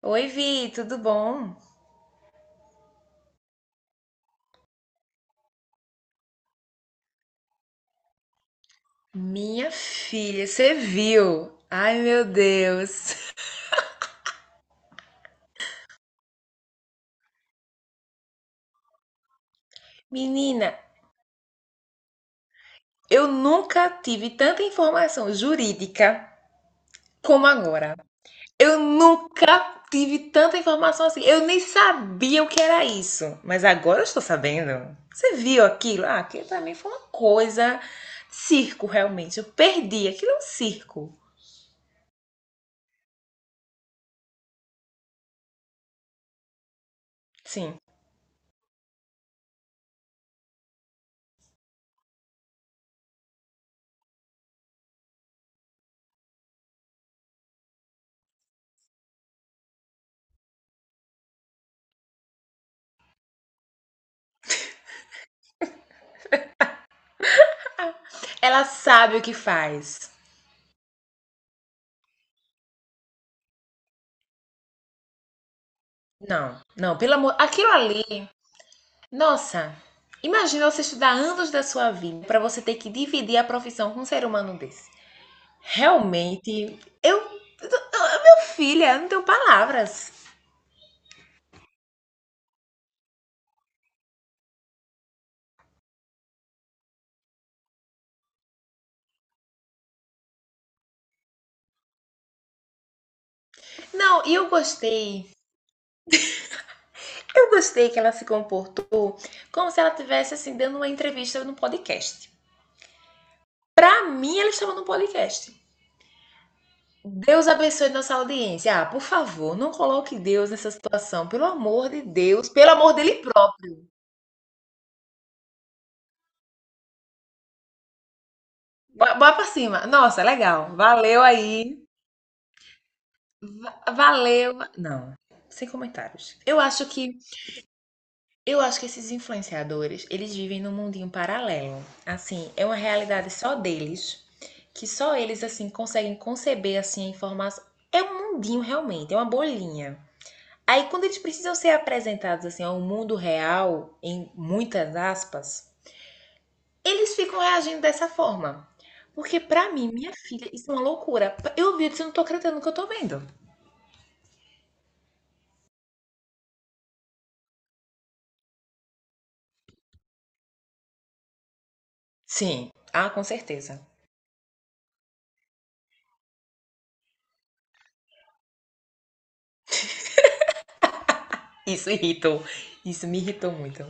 Oi, Vi, tudo bom? Minha filha, você viu? Ai, meu Deus. Menina, eu nunca tive tanta informação jurídica como agora. Eu nunca tive tanta informação assim. Eu nem sabia o que era isso, mas agora eu estou sabendo. Você viu aquilo? Ah, aquilo pra mim foi uma coisa circo, realmente. Eu perdi, aquilo é um circo. Sim. Ela sabe o que faz. Não, não, pelo amor, aquilo ali... Nossa, imagina você estudar anos da sua vida para você ter que dividir a profissão com um ser humano desse. Realmente, meu filho, eu não tenho palavras. Não, e eu gostei. Eu gostei que ela se comportou como se ela tivesse assim dando uma entrevista no podcast. Pra mim, ela estava no podcast. Deus abençoe nossa audiência. Ah, por favor, não coloque Deus nessa situação. Pelo amor de Deus, pelo amor dele próprio. Bora pra cima. Nossa, legal. Valeu aí. Valeu. Não, sem comentários. Eu acho que esses influenciadores, eles vivem num mundinho paralelo. Assim, é uma realidade só deles, que só eles assim conseguem conceber assim a informação. É um mundinho realmente, é uma bolinha. Aí quando eles precisam ser apresentados assim ao mundo real, em muitas aspas, eles ficam reagindo dessa forma. Porque pra mim, minha filha, isso é uma loucura. Eu vi, eu disse, eu não tô acreditando no que eu tô vendo. Sim. Ah, com certeza. Isso irritou. Isso me irritou muito.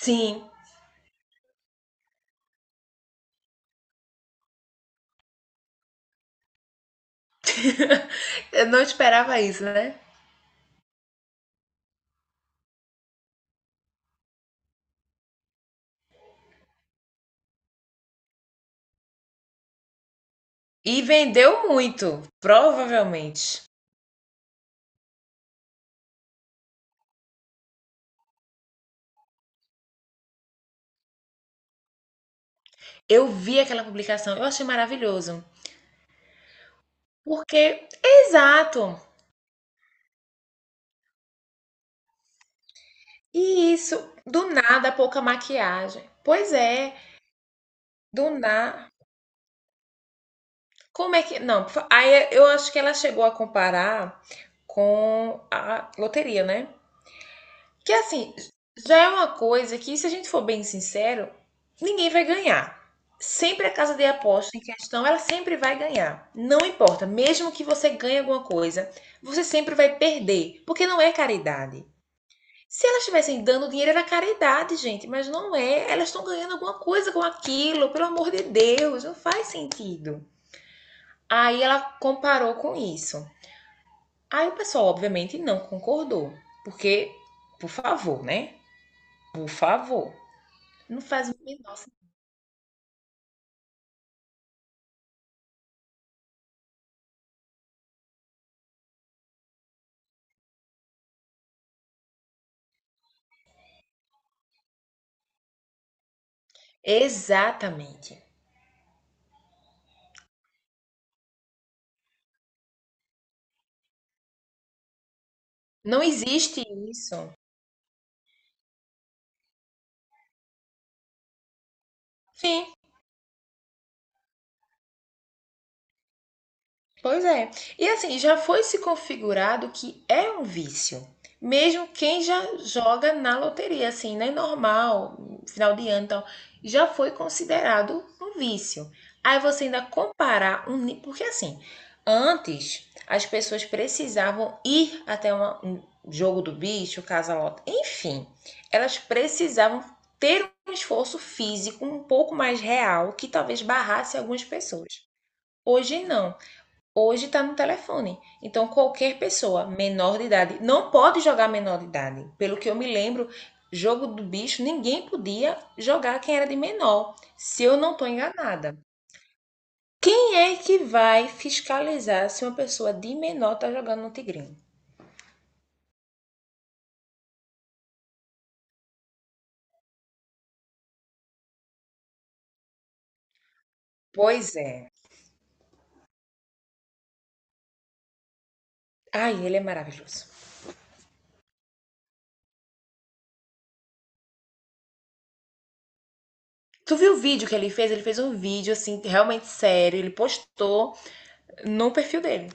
Sim, eu não esperava isso, né? E vendeu muito, provavelmente. Eu vi aquela publicação, eu achei maravilhoso. Porque, exato. E isso, do nada, pouca maquiagem. Pois é, do nada. Como é que... Não, aí eu acho que ela chegou a comparar com a loteria, né? Que assim, já é uma coisa que, se a gente for bem sincero, ninguém vai ganhar. Sempre a casa de aposta em questão, ela sempre vai ganhar. Não importa, mesmo que você ganhe alguma coisa, você sempre vai perder, porque não é caridade. Se elas estivessem dando dinheiro, era caridade, gente, mas não é. Elas estão ganhando alguma coisa com aquilo, pelo amor de Deus, não faz sentido. Aí ela comparou com isso. Aí o pessoal, obviamente, não concordou, porque, por favor, né? Por favor. Não faz o menor sentido. Exatamente. Não existe isso. Sim. Pois é. E assim, já foi se configurado que é um vício. Mesmo quem já joga na loteria, assim, né? Normal, final de ano e tal, já foi considerado um vício. Aí você ainda comparar um. Porque assim, antes as pessoas precisavam ir até um jogo do bicho, casa-lote, enfim, elas precisavam ter um esforço físico um pouco mais real que talvez barrasse algumas pessoas. Hoje não, hoje está no telefone. Então, qualquer pessoa menor de idade não pode jogar menor de idade. Pelo que eu me lembro, jogo do bicho, ninguém podia jogar quem era de menor, se eu não estou enganada. Quem é que vai fiscalizar se uma pessoa de menor está jogando no Tigrinho? Pois é. Ai, ele é maravilhoso. Tu viu o vídeo que ele fez? Ele fez um vídeo, assim, realmente sério. Ele postou no perfil dele.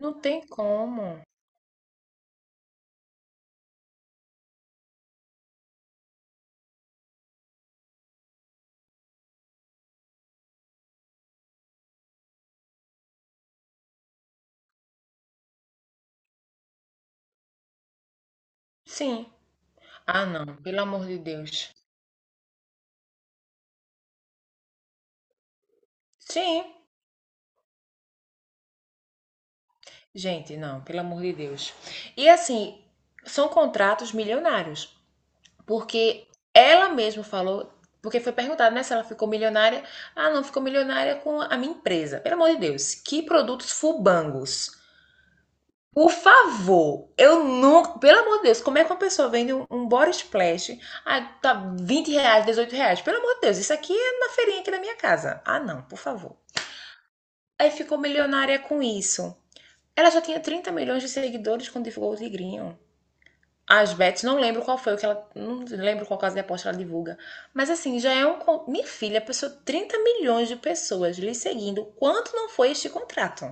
Não tem como. Sim. Ah, não. Pelo amor de Deus. Sim. Gente, não, pelo amor de Deus. E assim, são contratos milionários, porque ela mesma falou, porque foi perguntado, né, se ela ficou milionária. Ah, não, ficou milionária com a minha empresa. Pelo amor de Deus, que produtos fubangos. Por favor, eu nunca. Pelo amor de Deus, como é que uma pessoa vende um body splash? Ah, tá, R$ 20, R$ 18. Pelo amor de Deus, isso aqui é na feirinha aqui da minha casa. Ah, não, por favor. Aí ficou milionária com isso. Ela já tinha 30 milhões de seguidores quando divulgou o Tigrinho. As bets, não lembro qual foi o que ela... Não lembro qual casa de aposta ela divulga. Mas assim, já é um... Minha filha, passou 30 milhões de pessoas lhe seguindo. Quanto não foi este contrato?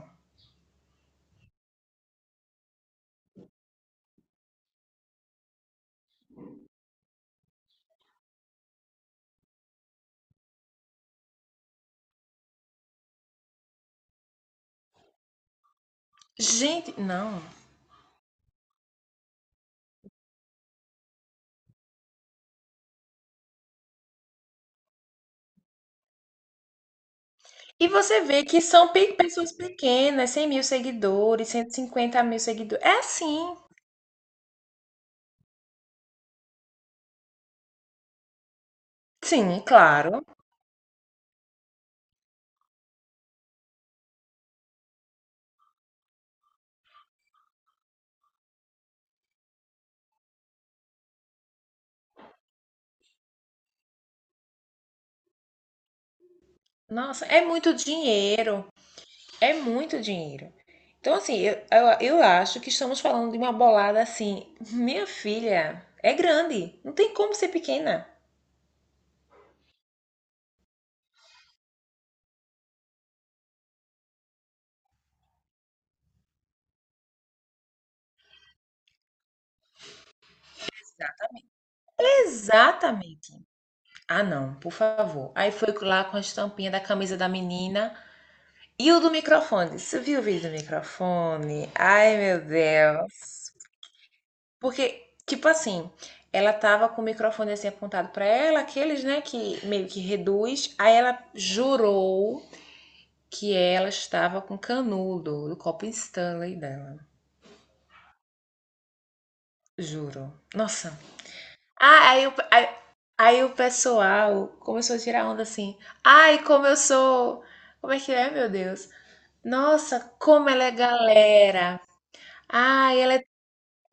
Gente, não. E você vê que são pessoas pequenas, 100 mil seguidores, 150 mil seguidores. É assim. Sim, claro. Nossa, é muito dinheiro. É muito dinheiro. Então, assim, eu acho que estamos falando de uma bolada assim. Minha filha é grande, não tem como ser pequena. Exatamente. Ah, não, por favor. Aí foi lá com a estampinha da camisa da menina e o do microfone. Você viu o vídeo do microfone? Ai, meu Deus. Porque, tipo assim, ela tava com o microfone assim apontado pra ela, aqueles, né, que meio que reduz. Aí ela jurou que ela estava com canudo do copo Stanley dela. Juro. Nossa. Ah, aí, o- aí, aí o pessoal começou a tirar onda assim. Ai, como eu sou. Como é que é, meu Deus? Nossa, como ela é galera. Ai,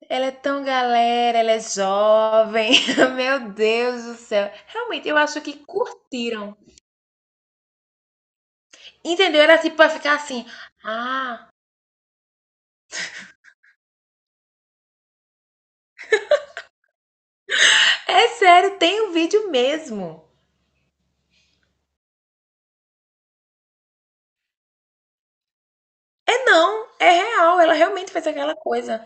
ela é tão galera, ela é jovem. Meu Deus do céu. Realmente, eu acho que curtiram. Entendeu? Era tipo, vai ficar assim. Ah, é sério, tem um vídeo mesmo. É não, é real, ela realmente fez aquela coisa.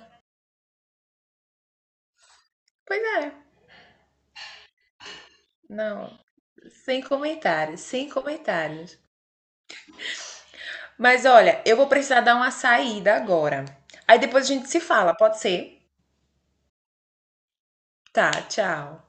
Pois é. Não, sem comentários, sem comentários. Mas olha, eu vou precisar dar uma saída agora. Aí depois a gente se fala, pode ser? Tá, tchau.